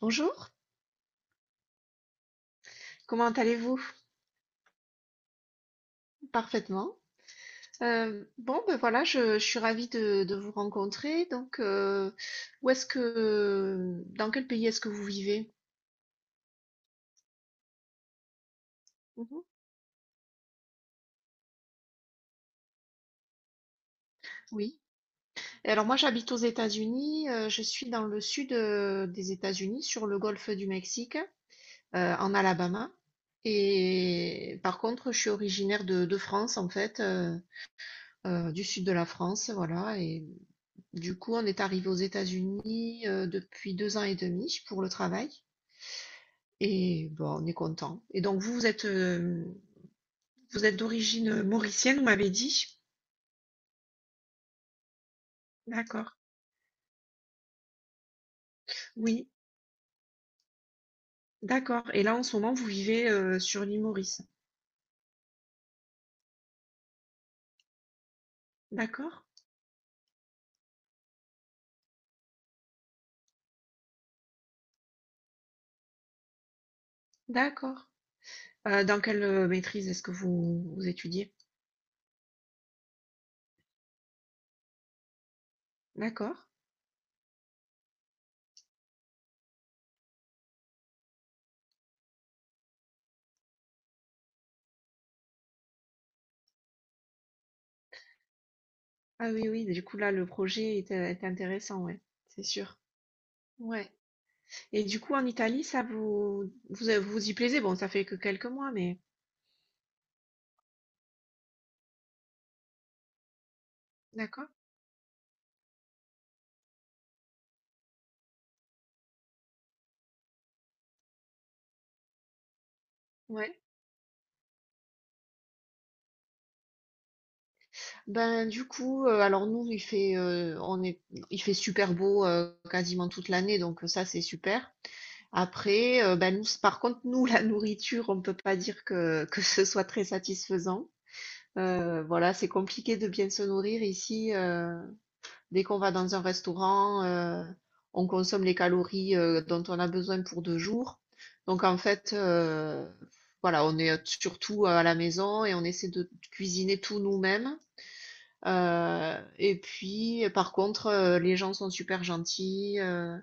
Bonjour, comment allez-vous? Parfaitement. Bon, ben voilà, je suis ravie de vous rencontrer. Donc, où est-ce que, dans quel pays est-ce que vous vivez? Mhm. Oui. Et alors moi, j'habite aux États-Unis. Je suis dans le sud des États-Unis, sur le golfe du Mexique, en Alabama. Et par contre, je suis originaire de France, en fait, du sud de la France, voilà. Et du coup, on est arrivé aux États-Unis, depuis 2 ans et demi pour le travail et bon, on est content. Et donc vous, vous êtes d'origine mauricienne, vous m'avez dit? D'accord. Oui, d'accord. Et là, en ce moment, vous vivez, sur l'île Maurice? D'accord, d'accord. Dans quelle, maîtrise est-ce que vous vous étudiez? D'accord. Ah oui, oui, du coup, là, le projet est intéressant, ouais, c'est sûr. Ouais. Et du coup, en Italie, ça vous vous y plaisez? Bon, ça fait que quelques mois, mais d'accord. Ouais. Ben du coup, alors nous il fait on est il fait super beau quasiment toute l'année, donc ça c'est super. Après, ben nous, par contre, nous, la nourriture, on peut pas dire que ce soit très satisfaisant. Voilà, c'est compliqué de bien se nourrir ici. Dès qu'on va dans un restaurant, on consomme les calories dont on a besoin pour 2 jours. Donc en fait, voilà, on est surtout à la maison et on essaie de cuisiner tout nous-mêmes. Et puis, par contre, les gens sont super gentils.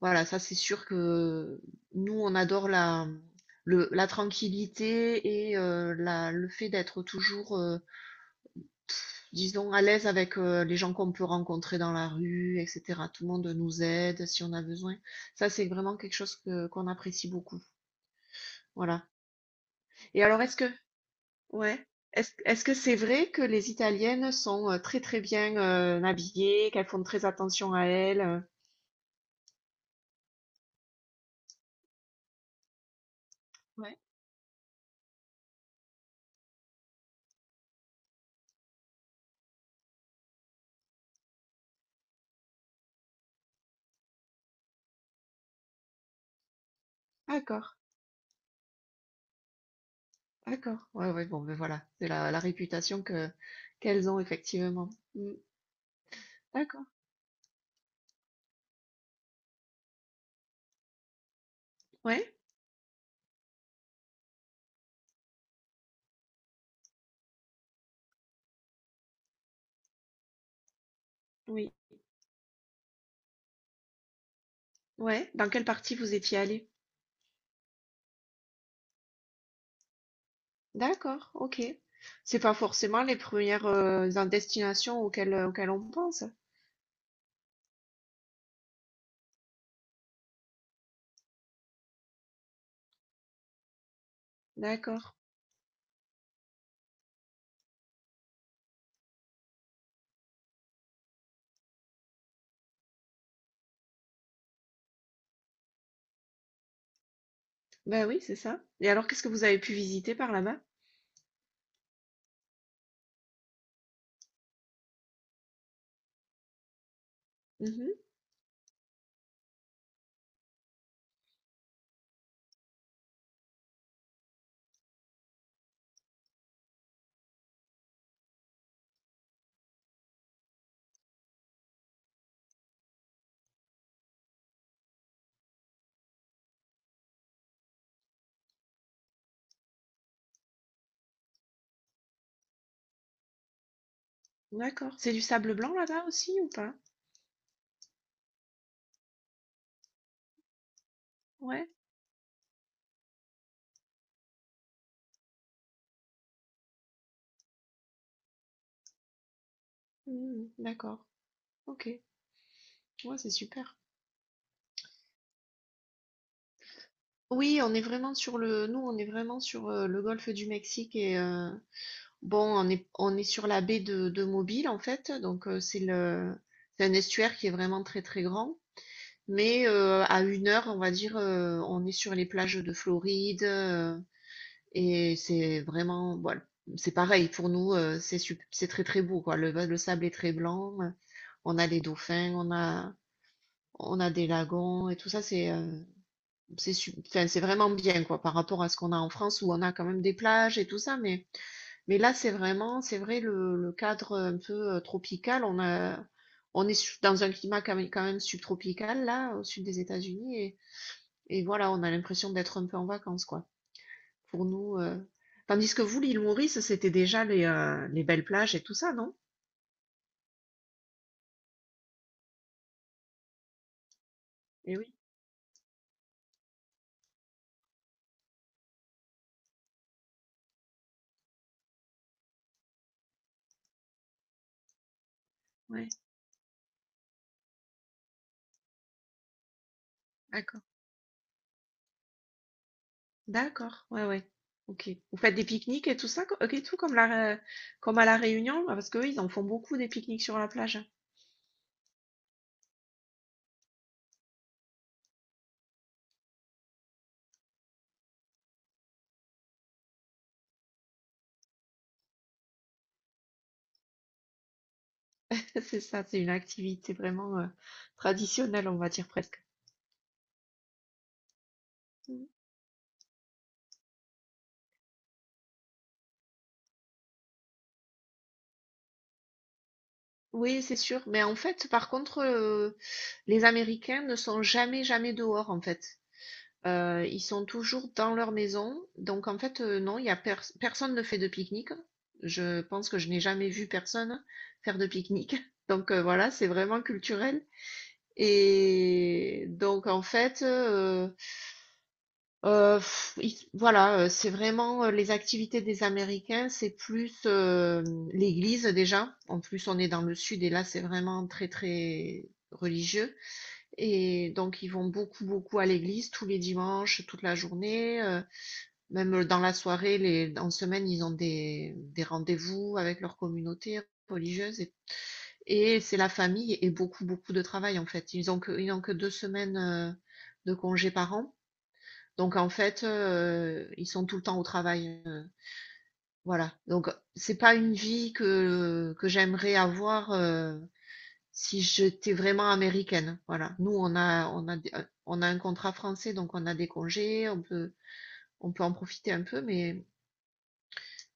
Voilà, ça c'est sûr que nous, on adore la tranquillité et le fait d'être toujours, disons, à l'aise avec les gens qu'on peut rencontrer dans la rue, etc. Tout le monde nous aide si on a besoin. Ça, c'est vraiment quelque chose qu'on apprécie beaucoup. Voilà. Et alors, est-ce que Ouais. Est-ce que c'est vrai que les Italiennes sont très très bien habillées, qu'elles font très attention à elles? Ouais. D'accord, d'accord. Ouais, ouais, bon, ben voilà, c'est la réputation que qu'elles ont effectivement. Mm. D'accord. Ouais, oui. ouais. Dans quelle partie vous étiez allé? D'accord, ok. C'est pas forcément les premières destinations auxquelles on pense. D'accord. Ben oui, c'est ça. Et alors, qu'est-ce que vous avez pu visiter par là-bas? Mhm. D'accord. C'est du sable blanc là-bas aussi ou pas? Ouais. Mmh, d'accord. OK. Ouais, c'est super. Oui, on est vraiment nous, on est vraiment sur le golfe du Mexique et bon, on est sur la baie de Mobile en fait, donc c'est un estuaire qui est vraiment très très grand, mais à 1 heure, on va dire, on est sur les plages de Floride et c'est vraiment, voilà, c'est pareil pour nous, c'est très très beau, quoi. Le sable est très blanc, on a les dauphins, on a des lagons et tout ça, c'est enfin, c'est vraiment bien, quoi, par rapport à ce qu'on a en France où on a quand même des plages et tout ça, mais là c'est vrai, le cadre un peu tropical, on est dans un climat quand même subtropical là au sud des États-Unis, et voilà, on a l'impression d'être un peu en vacances, quoi, pour nous. Tandis que vous, l'île Maurice, c'était déjà les belles plages et tout ça, non? Eh oui, ouais, d'accord. D'accord, ouais, ouais. OK. Vous faites des pique-niques et tout ça, et tout Ré- comme à La Réunion? Ah, parce qu'eux, ils en font beaucoup des pique-niques sur la plage. C'est ça, c'est une activité vraiment traditionnelle, on va dire presque. Mm. Oui, c'est sûr. Mais en fait, par contre, les Américains ne sont jamais, jamais dehors, en fait. Ils sont toujours dans leur maison. Donc, en fait, non, il y a personne ne fait de pique-nique. Je pense que je n'ai jamais vu personne faire de pique-nique. Donc, voilà, c'est vraiment culturel. Et donc en fait, heu, ils voilà, c'est vraiment, les activités des Américains, c'est plus, l'église déjà. En plus, on est dans le sud et là, c'est vraiment très, très religieux, et donc ils vont beaucoup, beaucoup à l'église tous les dimanches, toute la journée, même dans la soirée, les en semaine, ils ont des rendez-vous avec leur communauté religieuse, et c'est la famille et beaucoup, beaucoup de travail en fait. Ils n'ont que 2 semaines de congés par an. Donc en fait, ils sont tout le temps au travail. Voilà. Donc c'est pas une vie que j'aimerais avoir si j'étais vraiment américaine. Voilà. Nous, on a un contrat français, donc on a des congés, on peut en profiter un peu,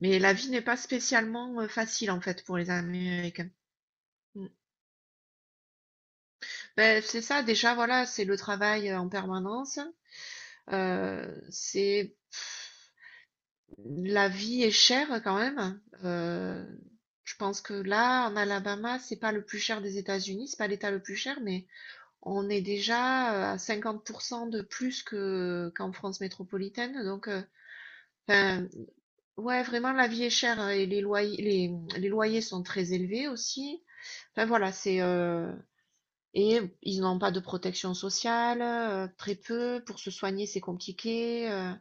mais la vie n'est pas spécialement facile en fait pour les Américains. Mm. Ben, c'est ça, déjà, voilà, c'est le travail en permanence. C'est la vie est chère quand même. Je pense que là, en Alabama, c'est pas le plus cher des États-Unis, c'est pas l'État le plus cher, mais on est déjà, à 50 de plus que qu'en France métropolitaine. Donc, enfin, ouais, vraiment la vie est chère et les loyers les loyers sont très élevés aussi. Enfin voilà, et ils n'ont pas de protection sociale, très peu. Pour se soigner, c'est compliqué.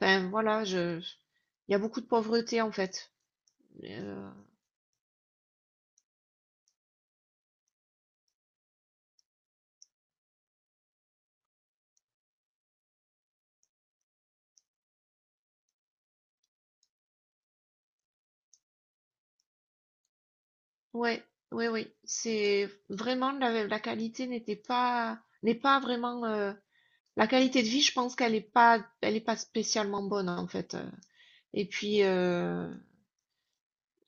Enfin, voilà, je il y a beaucoup de pauvreté en fait. Euh, ouais, oui, oui. C'est vraiment la qualité n'est pas vraiment la qualité de vie, je pense qu'elle est pas spécialement bonne en fait. Et puis euh,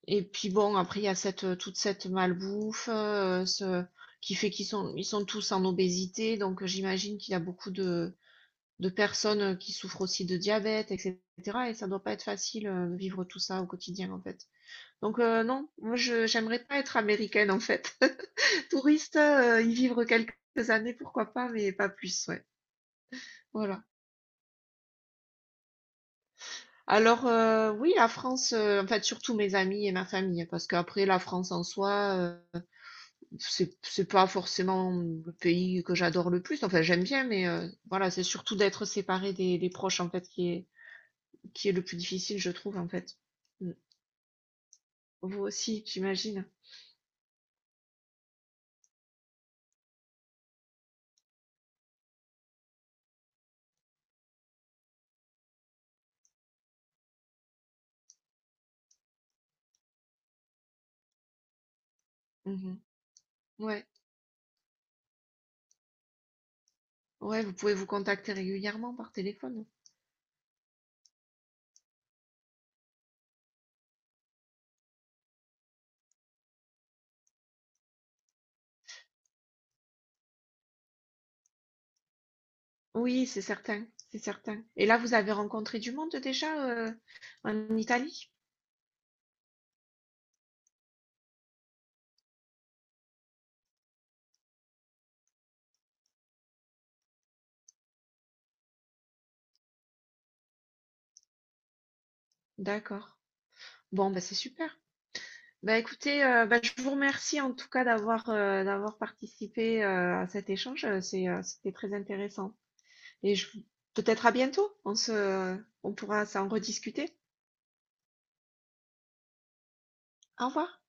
et puis bon, après il y a cette toute cette malbouffe ce qui fait qu'ils sont tous en obésité, donc j'imagine qu'il y a beaucoup de personnes qui souffrent aussi de diabète, etc. Et ça doit pas être facile de vivre tout ça au quotidien en fait. Donc non, moi je j'aimerais pas être américaine en fait. Touriste, y vivre quelques années, pourquoi pas, mais pas plus, ouais. Voilà. Alors oui, la France, en fait surtout mes amis et ma famille, hein, parce qu'après la France en soi, euh, c'est pas forcément le pays que j'adore le plus. Enfin j'aime bien, mais voilà, c'est surtout d'être séparé des proches en fait qui est le plus difficile, je trouve en fait. Mm. Vous aussi, j'imagine. Mhm. Ouais, ouais, vous pouvez vous contacter régulièrement par téléphone, hein. Oui, c'est certain, c'est certain. Et là, vous avez rencontré du monde déjà en Italie? D'accord. Bon, bah, c'est super. Bah, écoutez, bah, je vous remercie en tout cas d'avoir d'avoir participé à cet échange. C'était très intéressant. Et je, peut-être à bientôt. On pourra s'en rediscuter. Au revoir.